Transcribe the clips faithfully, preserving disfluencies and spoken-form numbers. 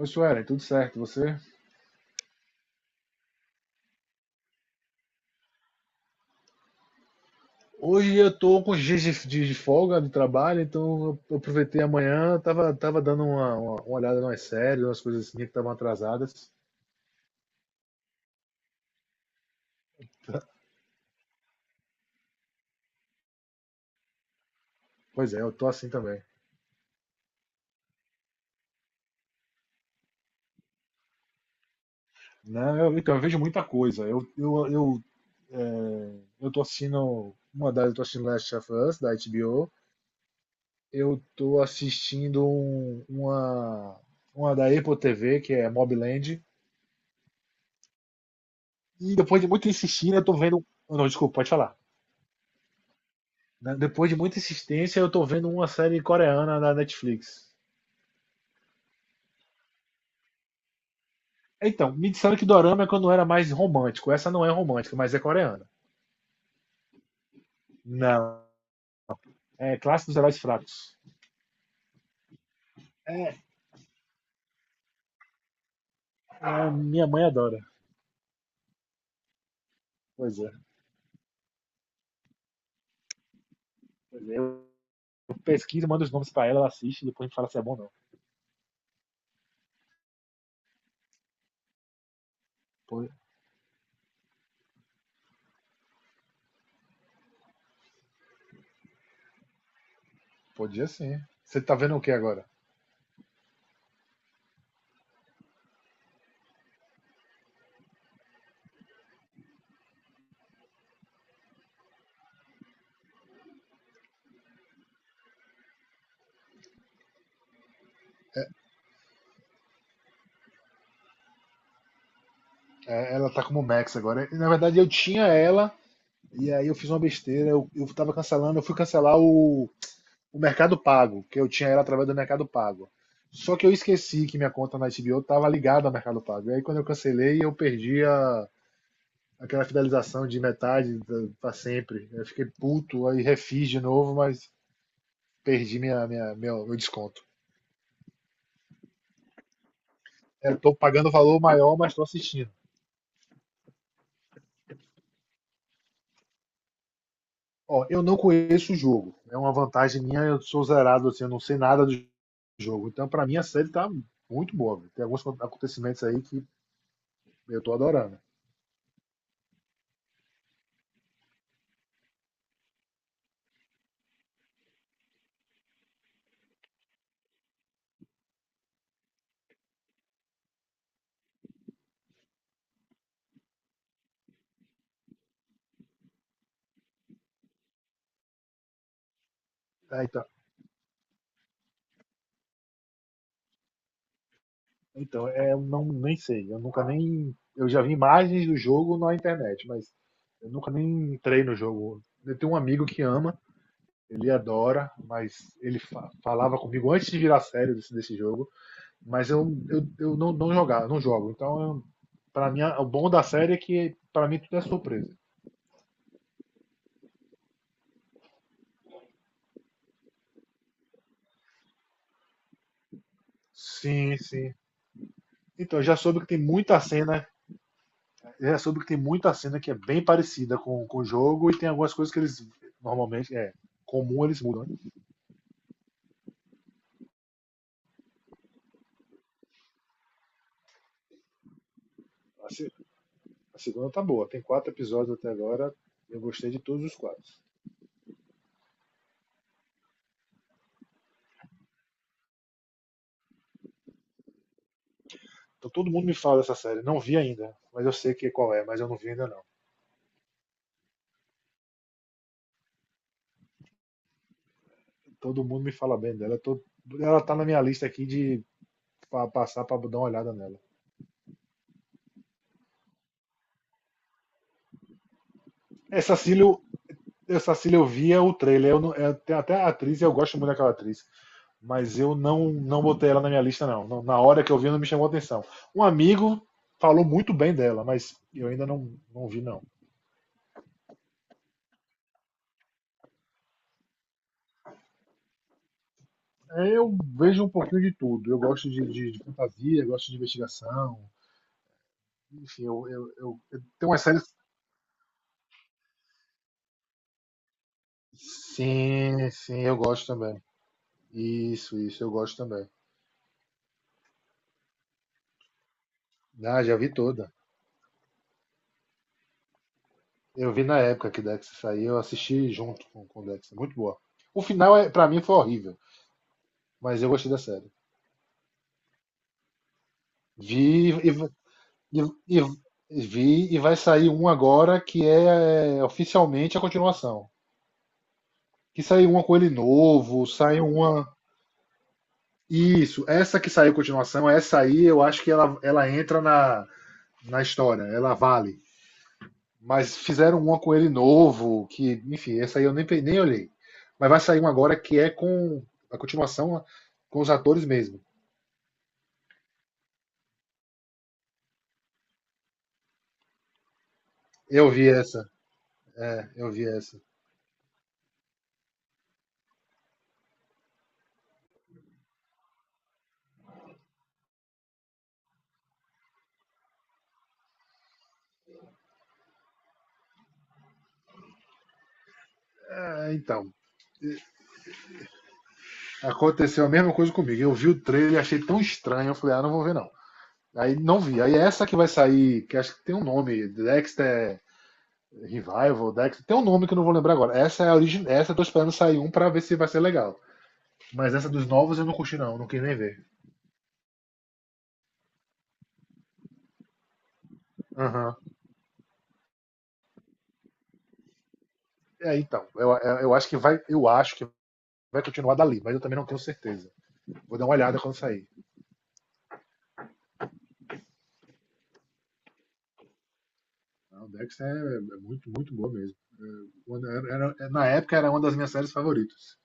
Oi, Suelen, tudo certo? E você? Hoje eu tô com os dias de, de- de folga de trabalho, então eu aproveitei amanhã, tava, tava dando uma, uma, uma olhada nas séries, umas coisas assim que estavam atrasadas. Pois é, eu tô assim também. Não, eu, então, eu vejo muita coisa. Eu, eu, eu, é, eu tô assistindo, uma das, eu tô assistindo Last of Us, da H B O. Eu tô assistindo um- uma, uma da Apple T V, que é Mob Land. E depois de muito insistir, eu tô vendo. Não, desculpa, pode falar. Né? Depois de muita insistência, eu tô vendo uma série coreana na Netflix. Então, me disseram que dorama é quando era mais romântico. Essa não é romântica, mas é coreana. Não. É clássico dos heróis fracos. É, é, minha mãe adora. Pois é. Pois é. Eu pesquiso, mando os nomes pra ela, ela assiste, depois a gente fala se é bom ou não. Po- Podia sim. Você tá vendo o que agora? É, ela tá como Max agora. Na verdade, eu tinha ela, e aí eu fiz uma besteira. Eu, eu tava cancelando, eu fui cancelar o o Mercado Pago, que eu tinha ela através do Mercado Pago. Só que eu esqueci que minha conta na H B O estava ligada ao Mercado Pago. E aí quando eu cancelei, eu perdi a, aquela fidelização de metade para sempre. Eu fiquei puto, aí refiz de novo, mas perdi minha, minha, meu, meu desconto. Eu tô pagando o valor maior, mas tô assistindo. Ó, eu não conheço o jogo. É uma vantagem minha, eu sou zerado, assim, eu não sei nada do jogo. Então, para mim, a série tá muito boa. Viu? Tem alguns acontecimentos aí que eu tô adorando. Tá, então, então, é, eu não, nem sei. Eu nunca nem. Eu já vi imagens do jogo na internet, mas eu nunca nem entrei no jogo. Eu tenho um amigo que ama, ele adora, mas ele fa- falava comigo antes de virar sério desse, desse jogo, mas eu, eu, eu não, não jogar, não jogo. Então, eu, pra mim, o bom da série é que pra mim tudo é surpresa. Sim, sim. Então, eu já soube que tem muita cena, eu já soube que tem muita cena que é bem parecida com, com o jogo e tem algumas coisas que eles normalmente é comum eles mudam. Né? A segunda tá boa. Tem quatro episódios até agora. Eu gostei de todos os quatro. Então todo mundo me fala dessa série. Não vi ainda, mas eu sei que qual é, mas eu não vi ainda não. Todo mundo me fala bem dela. Tô... Ela tá na minha lista aqui de pra passar pra dar uma olhada nela. Essa Cílio, essa Cílio eu via o trailer. Eu não... eu tenho até a atriz, eu gosto muito daquela atriz. Mas eu não, não botei ela na minha lista, não. Não. Na hora que eu vi, não me chamou atenção. Um amigo falou muito bem dela, mas eu ainda não, não vi, não. É, eu vejo um pouquinho de tudo. Eu gosto de, de- de fantasia, eu gosto de investigação. Enfim, eu, eu, eu, eu tenho uma série. Sim, sim, eu gosto também. Isso, isso, eu gosto também. Ah, já vi toda. Eu vi na época que Dex saiu, eu assisti junto com, com Dex. É muito boa. O final, é, pra mim, foi horrível, mas eu gostei da série. Vi e, v- e, e, e vi e vai sair um agora que é, é, oficialmente a continuação. Que saiu uma com ele novo, saiu uma. Isso, essa que saiu continuação, essa aí eu acho que ela, ela entra na, na história, ela vale. Mas fizeram uma com ele novo, que, enfim, essa aí eu nem, pe- nem olhei. Mas vai sair uma agora que é com a continuação com os atores mesmo. Eu vi essa, é, eu vi essa. É, então, aconteceu a mesma coisa comigo. Eu vi o trailer e achei tão estranho, eu falei, ah, não vou ver não. Aí não vi. Aí é essa que vai sair, que acho que tem um nome, Dexter Revival, Dex, tem um nome que eu não vou lembrar agora. Essa é a origem, essa eu tô esperando sair um pra ver se vai ser legal. Mas essa dos novos eu não curti não, não quis nem ver. Aham. Uhum. É, então, eu, é, eu, acho que vai, eu acho que vai continuar dali, mas eu também não tenho certeza. Vou dar uma olhada quando sair. O Dex é, é muito, muito boa mesmo. Na época era uma das minhas séries favoritas.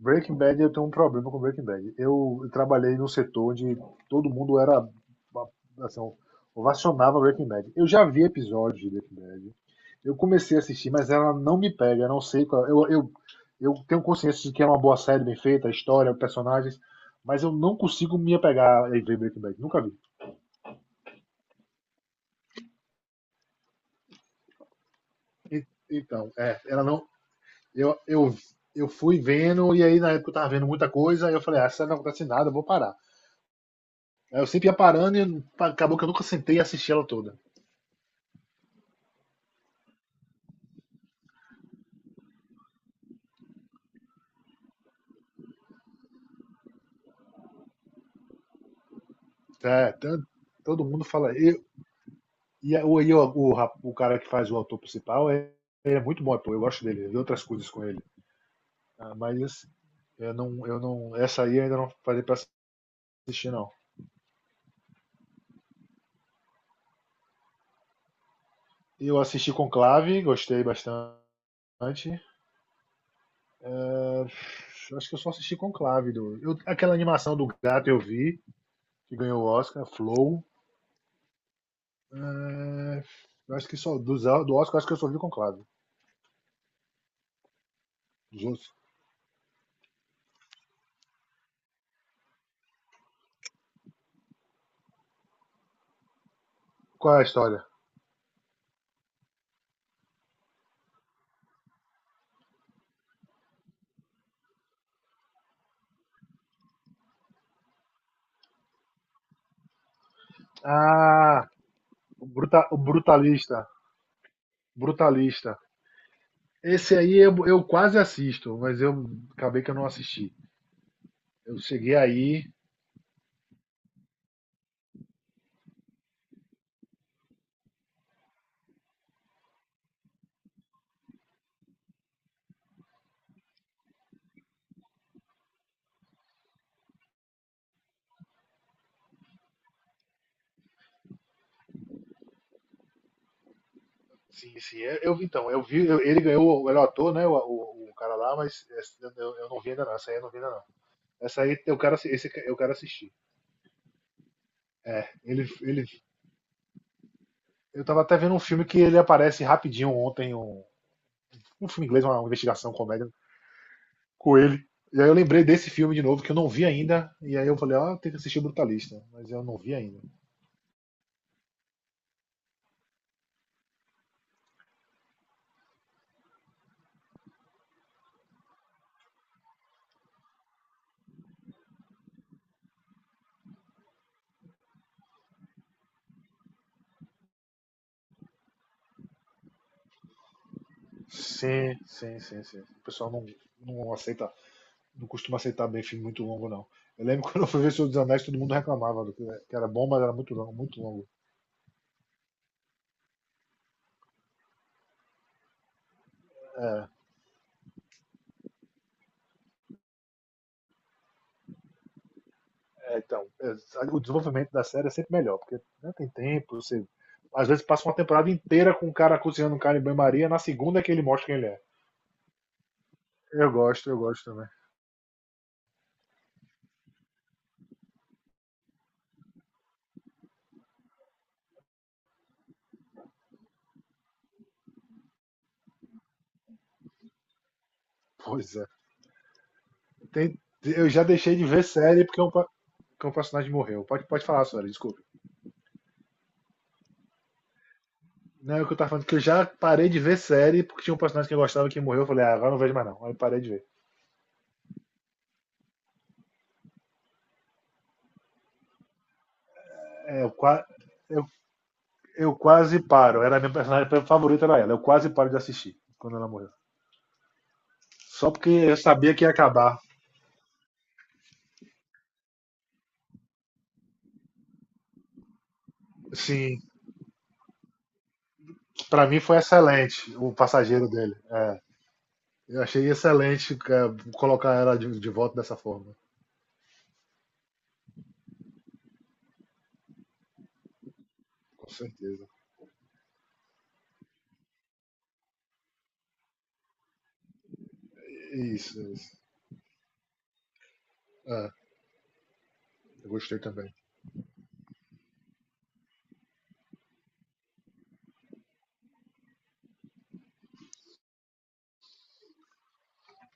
Breaking Bad, eu tenho um problema com Breaking Bad. Eu trabalhei num setor onde todo mundo era, assim, ovacionava Breaking Bad. Eu já vi episódios de Breaking Bad. Eu comecei a assistir, mas ela não me pega. Eu não sei qual. Eu, eu, eu tenho consciência de que é uma boa série bem feita, a história, os personagens, mas eu não consigo me apegar e ver Breaking Bad. Nunca vi. E- Então, é, ela não. Eu, eu, eu fui vendo, e aí na época eu tava vendo muita coisa, e eu falei, ah, essa série não acontece nada, eu vou parar. Aí eu sempre ia parando e acabou que eu nunca sentei e assisti ela toda. É, tan- todo mundo fala. Eu, e a- o, e o, o, rap- o cara que faz o autor principal é, ele é muito bom, ator, eu gosto dele, eu vi outras coisas com ele. Ah, Mas esse- eu não, eu não, essa aí eu ainda não falei pra assistir, não. Eu assisti Conclave, gostei bastante. É, acho que eu só assisti Conclave. Do, eu- aquela animação do gato eu vi, que ganhou o Oscar, Flow. É, eu acho que só, dos, do Oscar, eu acho que eu só vi Conclave. Dos. Qual é a história? Ah, o, bruta, o Brutalista. Brutalista. Esse aí eu, eu quase assisto, mas eu acabei que eu não assisti. Eu cheguei aí. Sim, sim. Eu, eu vi, então, eu vi. eu- ele ganhou o melhor ator, né? O, o- o cara lá, mas essa eu, eu não vi ainda não. Essa aí eu não vi ainda não. Essa aí eu quero, assi- esse eu quero assistir. Ele, ele, eu tava até vendo um filme que ele aparece rapidinho ontem, um, um filme inglês, uma investigação, comédia, com ele. E aí eu lembrei desse filme de novo, que eu não vi ainda. E aí eu falei, ah, tem que assistir o Brutalista. Mas eu não vi ainda. Sim, sim, sim, sim. O pessoal não, não aceita, não costuma aceitar bem filme muito longo, não. Eu lembro quando eu fui ver o Senhor dos Anéis, todo mundo reclamava do que que era bom, mas era muito longo, muito longo. É, é, então, é, o desenvolvimento da série é sempre melhor, porque não tem tempo, você. Às vezes passa uma temporada inteira com o cara cozinhando um cara em banho-maria, na segunda é que ele mostra quem ele é. Eu gosto, eu gosto também. Pois é. Tem- eu já deixei de ver série porque um, pa- porque um personagem morreu. Pode, pode falar, senhora, desculpe. Não, é o que eu tava falando, que eu já parei de ver série porque tinha um personagem que eu gostava que morreu. Eu falei, ah, agora não vejo mais não. Aí eu parei de ver. É, eu, qua- eu- eu quase paro. Era a minha personagem favorita, era ela. Eu quase paro de assistir quando ela morreu. Só porque eu sabia que ia acabar. Sim, pra mim foi excelente o passageiro dele. Eu achei excelente cara, colocar ela de, de volta dessa forma. Com certeza. Isso, isso. É, eu gostei também.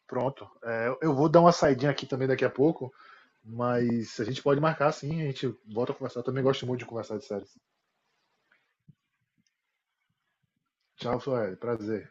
Pronto. É, eu vou dar uma saidinha aqui também daqui a pouco, mas a gente pode marcar sim, a gente volta a conversar. Eu também gosto muito de conversar de séries. Tchau, Sueli. Prazer.